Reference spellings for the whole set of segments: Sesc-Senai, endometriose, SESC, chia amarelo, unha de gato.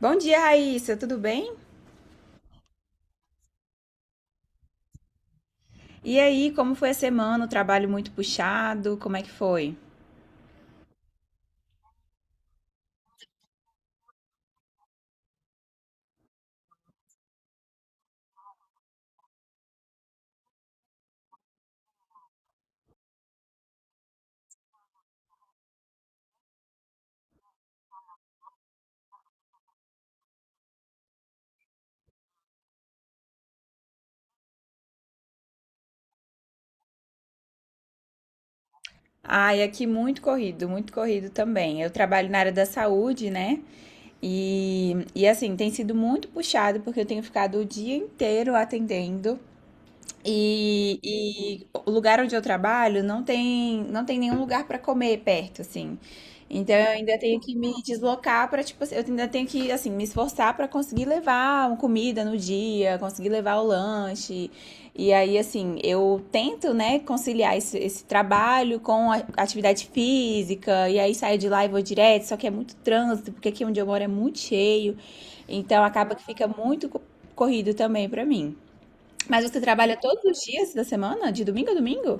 Bom dia, Raíssa, tudo bem? E aí, como foi a semana? O trabalho muito puxado? Como é que foi? Ai, aqui muito corrido também. Eu trabalho na área da saúde, né? E assim, tem sido muito puxado porque eu tenho ficado o dia inteiro atendendo. E o lugar onde eu trabalho não tem nenhum lugar para comer perto, assim. Então eu ainda tenho que me deslocar para, tipo, assim, eu ainda tenho que, assim, me esforçar para conseguir levar uma comida no dia, conseguir levar o lanche. E aí, assim, eu tento, né, conciliar esse trabalho com a atividade física, e aí saio de lá e vou direto, só que é muito trânsito, porque aqui onde eu moro é muito cheio. Então acaba que fica muito corrido também para mim. Mas você trabalha todos os dias da semana? De domingo a domingo?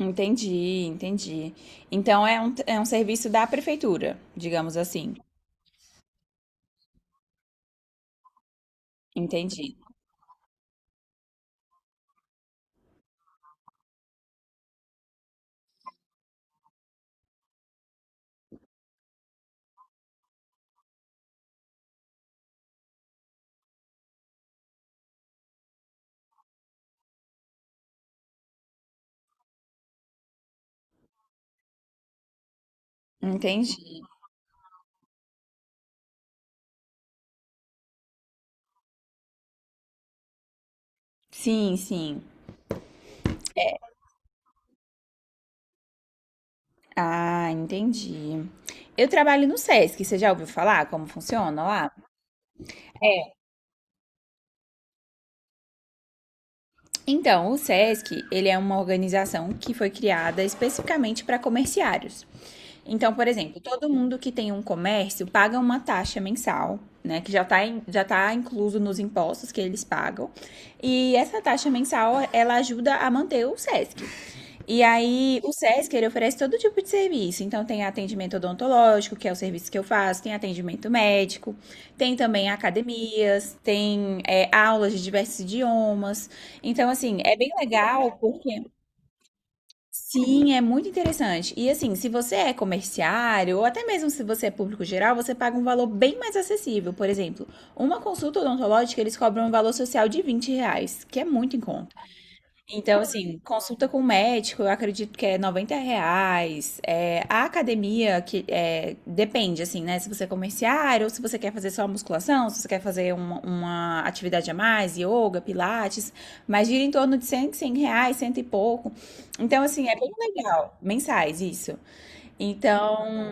Entendi, entendi. Então é um serviço da prefeitura, digamos assim. Entendi, entendi. Sim, sim. Ah, entendi. Eu trabalho no SESC, você já ouviu falar como funciona lá? Então, o SESC, ele é uma organização que foi criada especificamente para comerciários. Então, por exemplo, todo mundo que tem um comércio paga uma taxa mensal, né, que já tá incluso nos impostos que eles pagam. E essa taxa mensal, ela ajuda a manter o SESC. E aí, o SESC, ele oferece todo tipo de serviço. Então, tem atendimento odontológico, que é o serviço que eu faço, tem atendimento médico, tem também academias, tem aulas de diversos idiomas. Então, assim, é bem legal porque... Sim, é muito interessante. E assim, se você é comerciário, ou até mesmo se você é público geral, você paga um valor bem mais acessível. Por exemplo, uma consulta odontológica, eles cobram um valor social de R$ 20, que é muito em conta. Então, assim, consulta com o médico, eu acredito que é R$ 90. É, a academia, que é, depende, assim, né? Se você é comerciário, ou se você quer fazer só musculação, se você quer fazer uma atividade a mais, yoga, pilates, mas gira em torno de 100, R$ 100, cento e pouco. Então, assim, é bem legal. Mensais, isso. Então,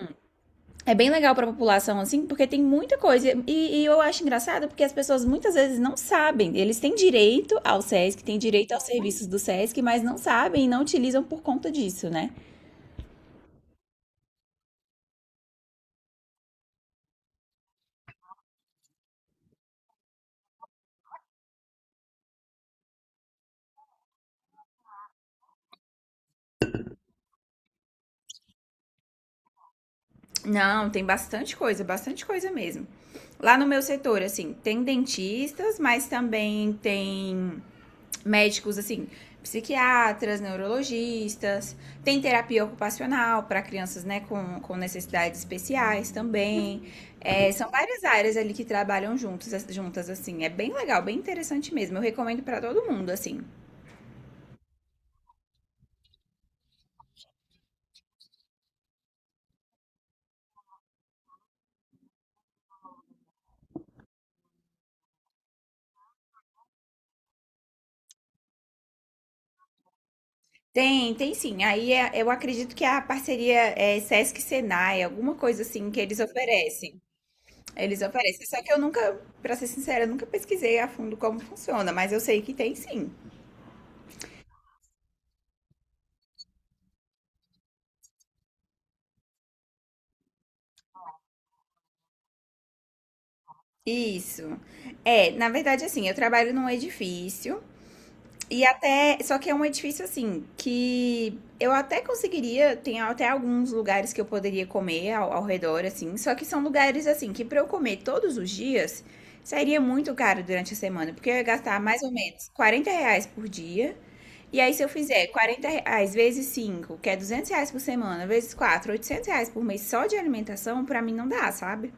é bem legal para a população, assim, porque tem muita coisa. Eu acho engraçado porque as pessoas muitas vezes não sabem. Eles têm direito ao SESC, têm direito aos serviços do SESC, mas não sabem e não utilizam por conta disso, né? Não, tem bastante coisa mesmo. Lá no meu setor, assim, tem dentistas, mas também tem médicos assim, psiquiatras, neurologistas, tem terapia ocupacional para crianças né, com necessidades especiais também. É, são várias áreas ali que trabalham juntas, assim. É bem legal, bem interessante mesmo. Eu recomendo para todo mundo, assim. Tem sim. Aí eu acredito que a parceria é Sesc-Senai, alguma coisa assim que eles oferecem. Eles oferecem. Só que eu nunca, para ser sincera, eu nunca pesquisei a fundo como funciona, mas eu sei que tem sim. Isso. É, na verdade, assim, eu trabalho num edifício e até, só que é um edifício assim que eu até conseguiria, tem até alguns lugares que eu poderia comer ao redor, assim, só que são lugares assim que para eu comer todos os dias sairia muito caro durante a semana, porque eu ia gastar mais ou menos R$ 40 por dia. E aí, se eu fizer R$ 40 vezes 5, que é R$ 200 por semana, vezes 4, R$ 800 por mês só de alimentação, pra mim não dá, sabe?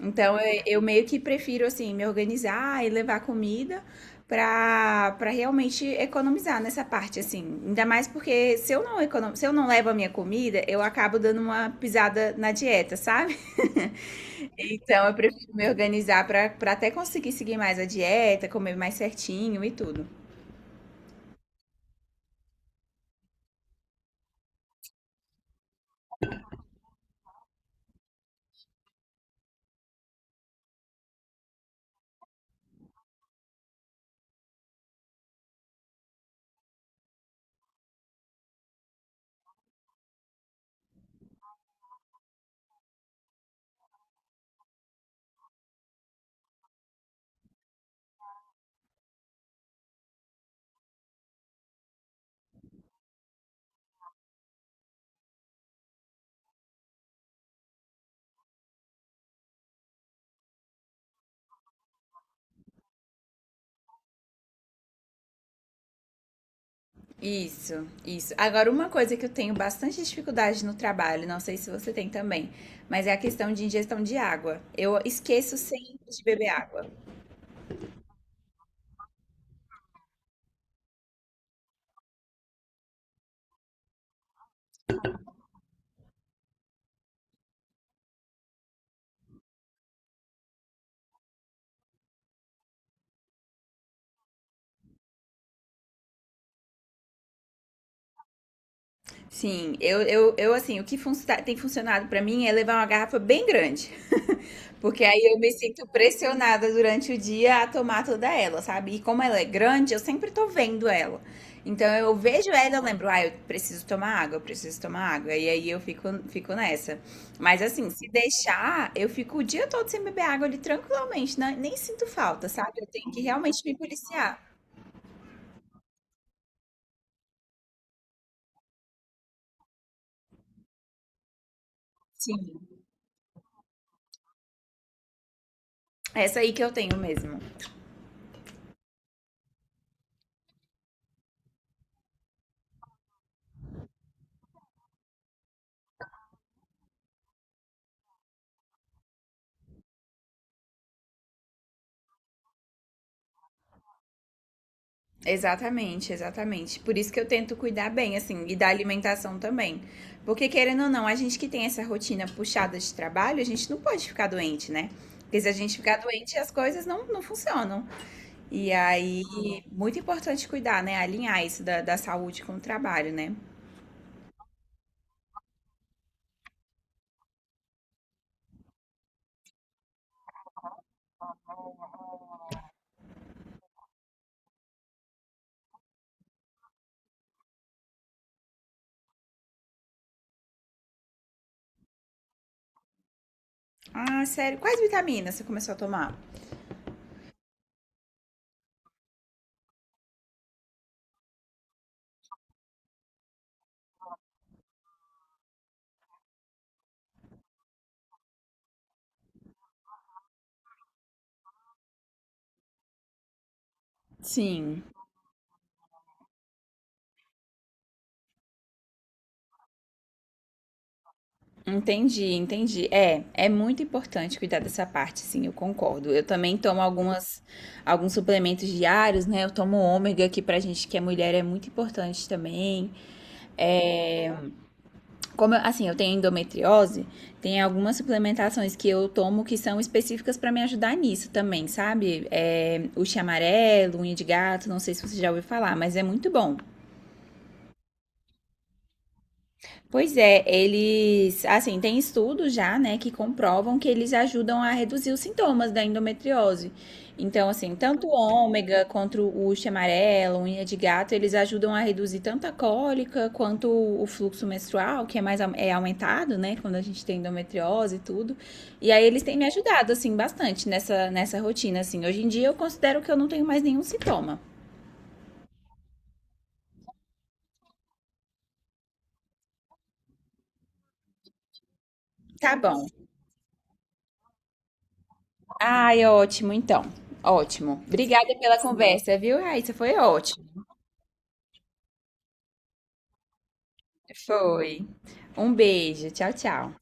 Então, eu meio que prefiro, assim, me organizar e levar comida pra realmente economizar nessa parte, assim. Ainda mais porque se eu não levo a minha comida, eu acabo dando uma pisada na dieta, sabe? Então, eu prefiro me organizar pra até conseguir seguir mais a dieta, comer mais certinho e tudo. Isso, isso. Agora, uma coisa que eu tenho bastante dificuldade no trabalho, não sei se você tem também, mas é a questão de ingestão de água. Eu esqueço sempre de beber água. Sim, eu assim, o que tem funcionado pra mim é levar uma garrafa bem grande, porque aí eu me sinto pressionada durante o dia a tomar toda ela, sabe? E como ela é grande, eu sempre tô vendo ela. Então eu vejo ela, eu lembro, ah, eu preciso tomar água, eu preciso tomar água, e aí eu fico nessa. Mas assim, se deixar, eu fico o dia todo sem beber água ali tranquilamente, né? Nem sinto falta, sabe? Eu tenho que realmente me policiar. Sim, essa aí que eu tenho mesmo. Exatamente, exatamente. Por isso que eu tento cuidar bem, assim, e da alimentação também. Porque, querendo ou não, a gente que tem essa rotina puxada de trabalho, a gente não pode ficar doente, né? Porque se a gente ficar doente, as coisas não funcionam. E aí, muito importante cuidar, né? Alinhar isso da saúde com o trabalho, né? Ah, sério. Quais vitaminas você começou a tomar? Sim. Entendi, entendi. É, é muito importante cuidar dessa parte, sim, eu concordo. Eu também tomo alguns suplementos diários, né? Eu tomo ômega, que pra gente que é mulher é muito importante também. É, como, assim, eu tenho endometriose, tem algumas suplementações que eu tomo que são específicas pra me ajudar nisso também, sabe? É, o chia amarelo, unha de gato, não sei se você já ouviu falar, mas é muito bom. Pois é, eles, assim, tem estudos já, né, que comprovam que eles ajudam a reduzir os sintomas da endometriose. Então, assim, tanto o ômega quanto o uísque amarelo, unha de gato, eles ajudam a reduzir tanto a cólica quanto o fluxo menstrual, que é mais aumentado, né, quando a gente tem endometriose e tudo. E aí eles têm me ajudado, assim, bastante nessa rotina, assim. Hoje em dia eu considero que eu não tenho mais nenhum sintoma. Tá bom. Ai, ótimo, então. Ótimo. Obrigada pela conversa, viu, Raíssa? Foi ótimo. Foi. Um beijo. Tchau, tchau.